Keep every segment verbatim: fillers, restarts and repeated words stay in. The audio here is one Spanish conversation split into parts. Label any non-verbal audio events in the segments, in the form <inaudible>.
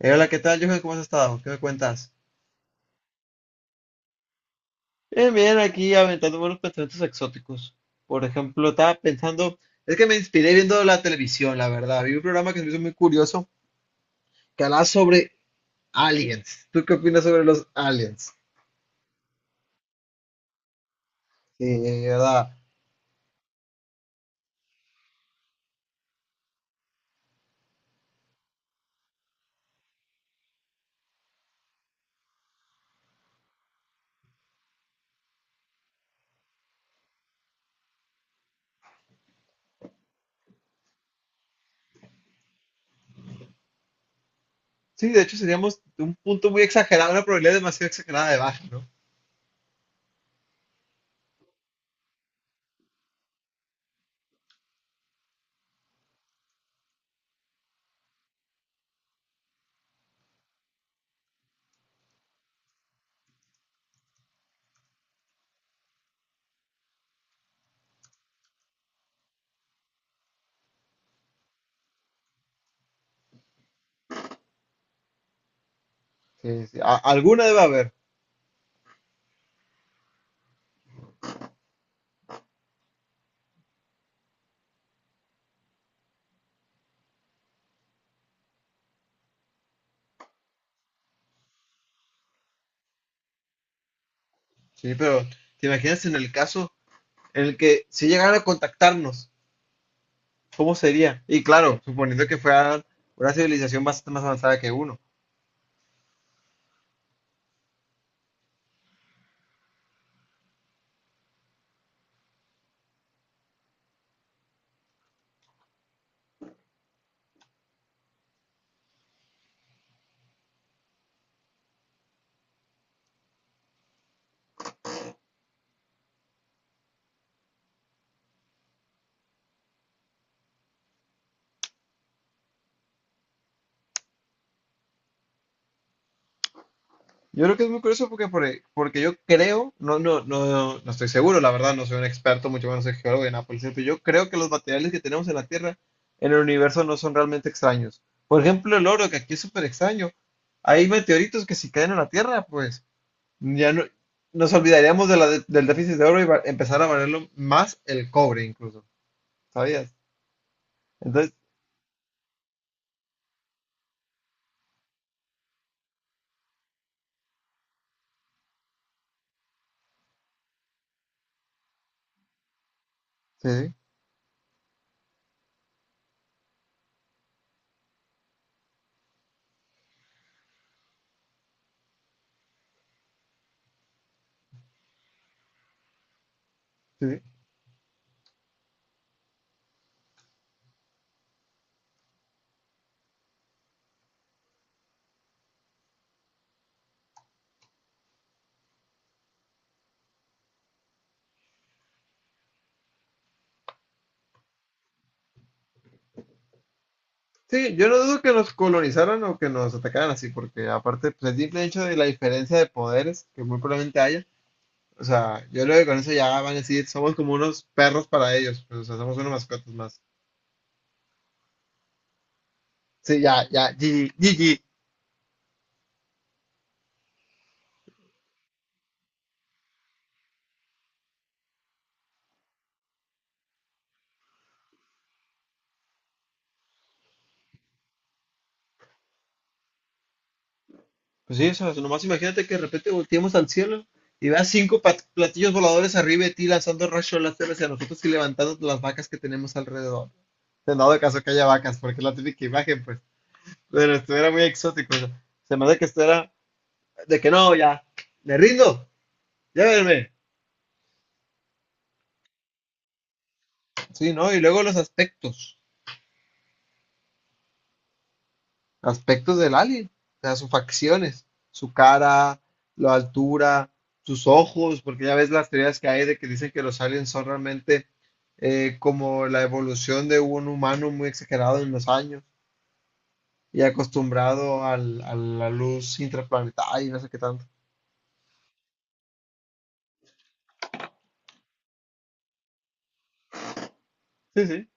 Eh, hola, ¿qué tal, Johan? ¿Cómo has estado? ¿Qué me cuentas? Bien, bien, aquí aventando buenos pensamientos exóticos. Por ejemplo, estaba pensando, es que me inspiré viendo la televisión, la verdad. Vi un programa que se me hizo muy curioso que hablaba sobre aliens. ¿Tú qué opinas sobre los aliens? Sí, ¿verdad? Sí, de hecho seríamos un punto muy exagerado, una probabilidad demasiado exagerada de baja, ¿no? Sí, sí, a- alguna debe haber. Sí, pero ¿te imaginas en el caso en el que si llegaran a contactarnos? ¿Cómo sería? Y claro, suponiendo que fuera una civilización bastante más avanzada que uno. Yo creo que es muy curioso porque, por- porque yo creo, no, no, no, no estoy seguro, la verdad, no soy un experto, mucho menos soy geólogo de Nápoles, pero yo creo que los materiales que tenemos en la Tierra, en el universo, no son realmente extraños. Por ejemplo, el oro, que aquí es súper extraño. Hay meteoritos que si caen en la Tierra, pues ya no, nos olvidaríamos de la de- del déficit de oro y va- empezar a valerlo más el cobre incluso, ¿sabías? Entonces, sí, sí, sí. Sí, yo no dudo que nos colonizaron o que nos atacaran así, porque aparte, pues el simple hecho de la diferencia de poderes que muy probablemente haya, o sea, yo creo que con eso ya van a decir, somos como unos perros para ellos, pues, o sea, somos unos mascotas más. Sí, ya, ya, G G, G G. Pues sí, o sea, nomás imagínate que de repente volteemos al cielo y veas cinco pat- platillos voladores arriba de ti lanzando rayos láser hacia nosotros y levantando las vacas que tenemos alrededor. En dado caso que haya vacas, porque es la típica imagen, pues, pero esto era muy exótico, o sea, se me hace que esto era de que no, ya, me rindo, llévenme. Sí, ¿no? Y luego los aspectos, aspectos del alien, o sea, sus facciones, su cara, la altura, sus ojos, porque ya ves las teorías que hay de que dicen que los aliens son realmente eh, como la evolución de un humano muy exagerado en los años y acostumbrado al- a la luz intraplanetaria y no sé qué tanto. Sí, sí.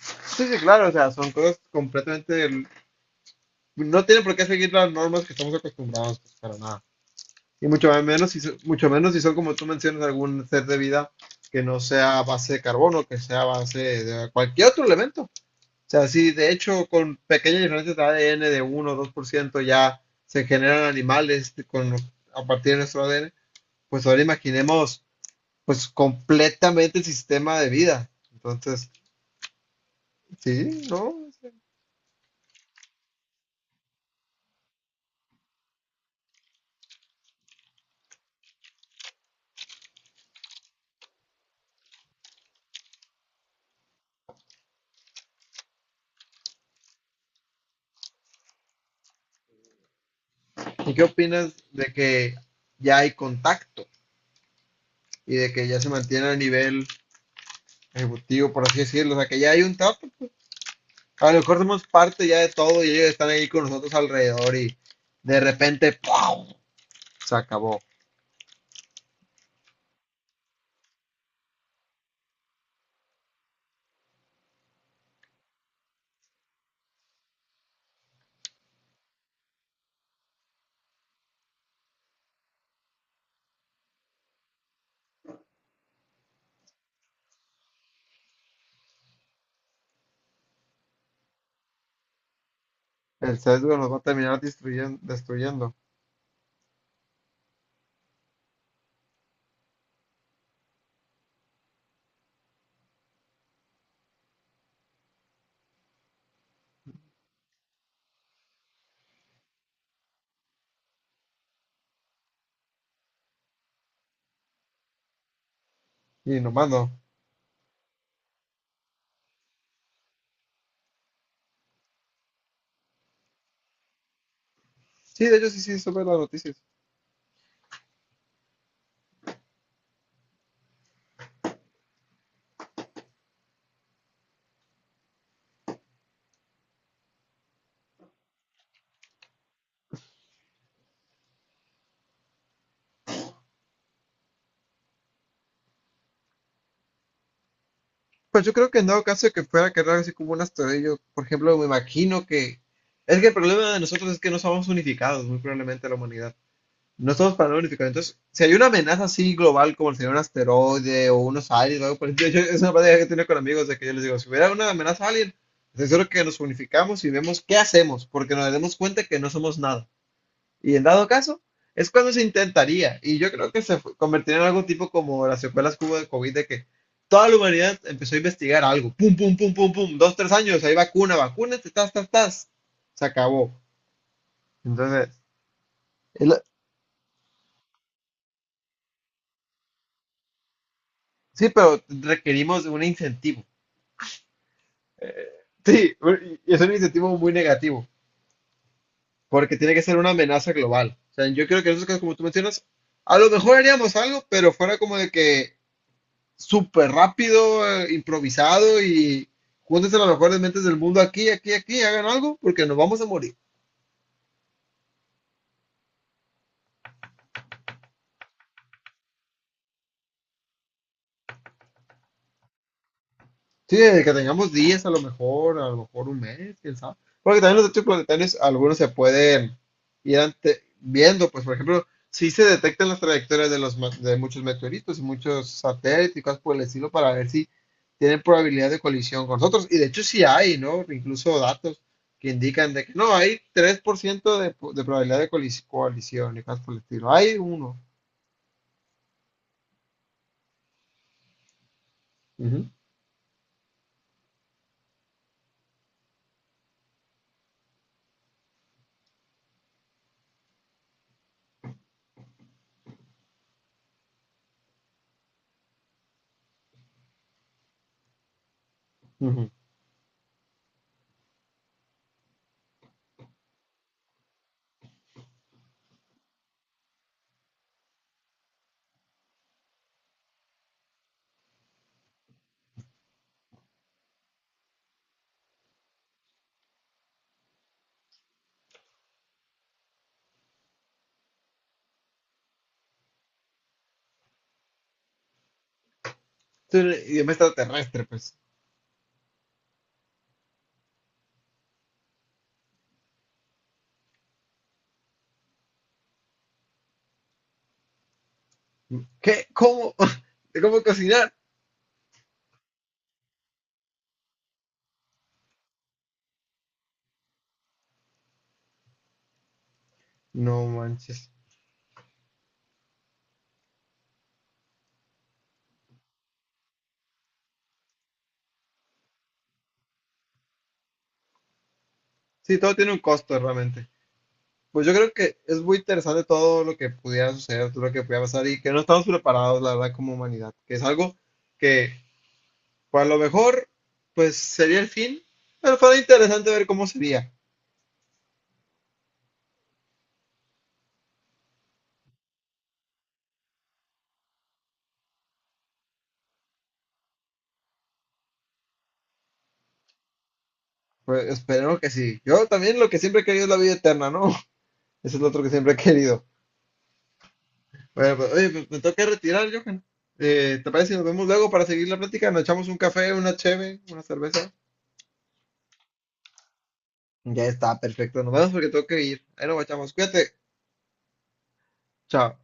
Sí, sí, claro, o sea, son cosas completamente. No tienen por qué seguir las normas que estamos acostumbrados, pues, para nada. Y mucho menos si, so- mucho menos si son como tú mencionas algún ser de vida que no sea a base de carbono, que sea a base de cualquier otro elemento. O sea, sí, de hecho, con pequeñas diferencias de A D N de uno o dos por ciento ya se generan animales con, a partir de nuestro A D N. Pues ahora imaginemos, pues, completamente el sistema de vida. Entonces, sí, ¿no? ¿Y qué opinas de que ya hay contacto y de que ya se mantiene a nivel ejecutivo, por así decirlo? O sea, que ya hay un trato. A lo mejor somos parte ya de todo y ellos están ahí con nosotros alrededor y de repente ¡pau! Se acabó. El sesgo nos va a terminar destruyendo, destruyendo. Y nomás no. Sí, de hecho sí, sí, sobre las noticias. Pues yo creo que en dado caso de que fuera a quedar así como un asteroide, por ejemplo, me imagino que. Es que el problema de nosotros es que no somos unificados, muy probablemente la humanidad. No estamos para nada unificados. Entonces, si hay una amenaza así global, como sería un asteroide o unos aliens, o algo por el estilo, yo- es una plática que he tenido con amigos de que yo les digo, si hubiera una amenaza alien, estoy seguro que nos unificamos y vemos qué hacemos, porque nos damos cuenta que no somos nada. Y en dado caso, es cuando se intentaría. Y yo creo que se fu- convertiría en algo tipo como las secuelas que hubo de COVID, de que toda la humanidad empezó a investigar algo. Pum, pum, pum, pum, pum. Dos, tres años, hay vacuna, vacunas tas, tas, tas. Se acabó. Entonces, es la- sí, pero requerimos de un incentivo. Eh, Sí, bueno, y es un incentivo muy negativo, porque tiene que ser una amenaza global. O sea, yo creo que en esos casos, como tú mencionas, a lo mejor haríamos algo, pero fuera como de que súper rápido, eh, improvisado y júntense las mejores mentes del mundo aquí, aquí, aquí, hagan algo, porque nos vamos a morir. Sí, desde que tengamos días, a lo mejor, a lo mejor un mes, quién sabe. Porque también los desechos planetarios, algunos se pueden ir ante- viendo, pues por ejemplo, si se detectan las trayectorias de los ma- de muchos meteoritos y muchos satélites y cosas por el estilo para ver si tienen probabilidad de colisión con nosotros. Y de hecho sí hay, ¿no? Incluso datos que indican de que no, hay tres por ciento de, po- de probabilidad de colis- colisión y cosas por el estilo. Hay uno. Ujú, ujú. Entonces, idioma extraterrestre, pues. ¿Qué? ¿Cómo? <laughs> ¿Cómo cocinar? No manches. Sí, todo tiene un costo realmente. Pues yo creo que es muy interesante todo lo que pudiera suceder, todo lo que pudiera pasar y que no estamos preparados, la verdad, como humanidad, que es algo que, pues a lo mejor, pues sería el fin, pero fue interesante ver cómo sería. Pues esperemos que sí. Yo también lo que siempre he querido es la vida eterna, ¿no? <laughs> Eso es lo otro que siempre he querido. Bueno, pues, oye, pues me tengo que retirar, Johan. Eh, ¿te parece si nos vemos luego para seguir la plática? Nos echamos un café, una cheve, una cerveza. Ya está, perfecto. Nos vemos porque tengo que ir. Ahí nos guachamos. Cuídate. Chao.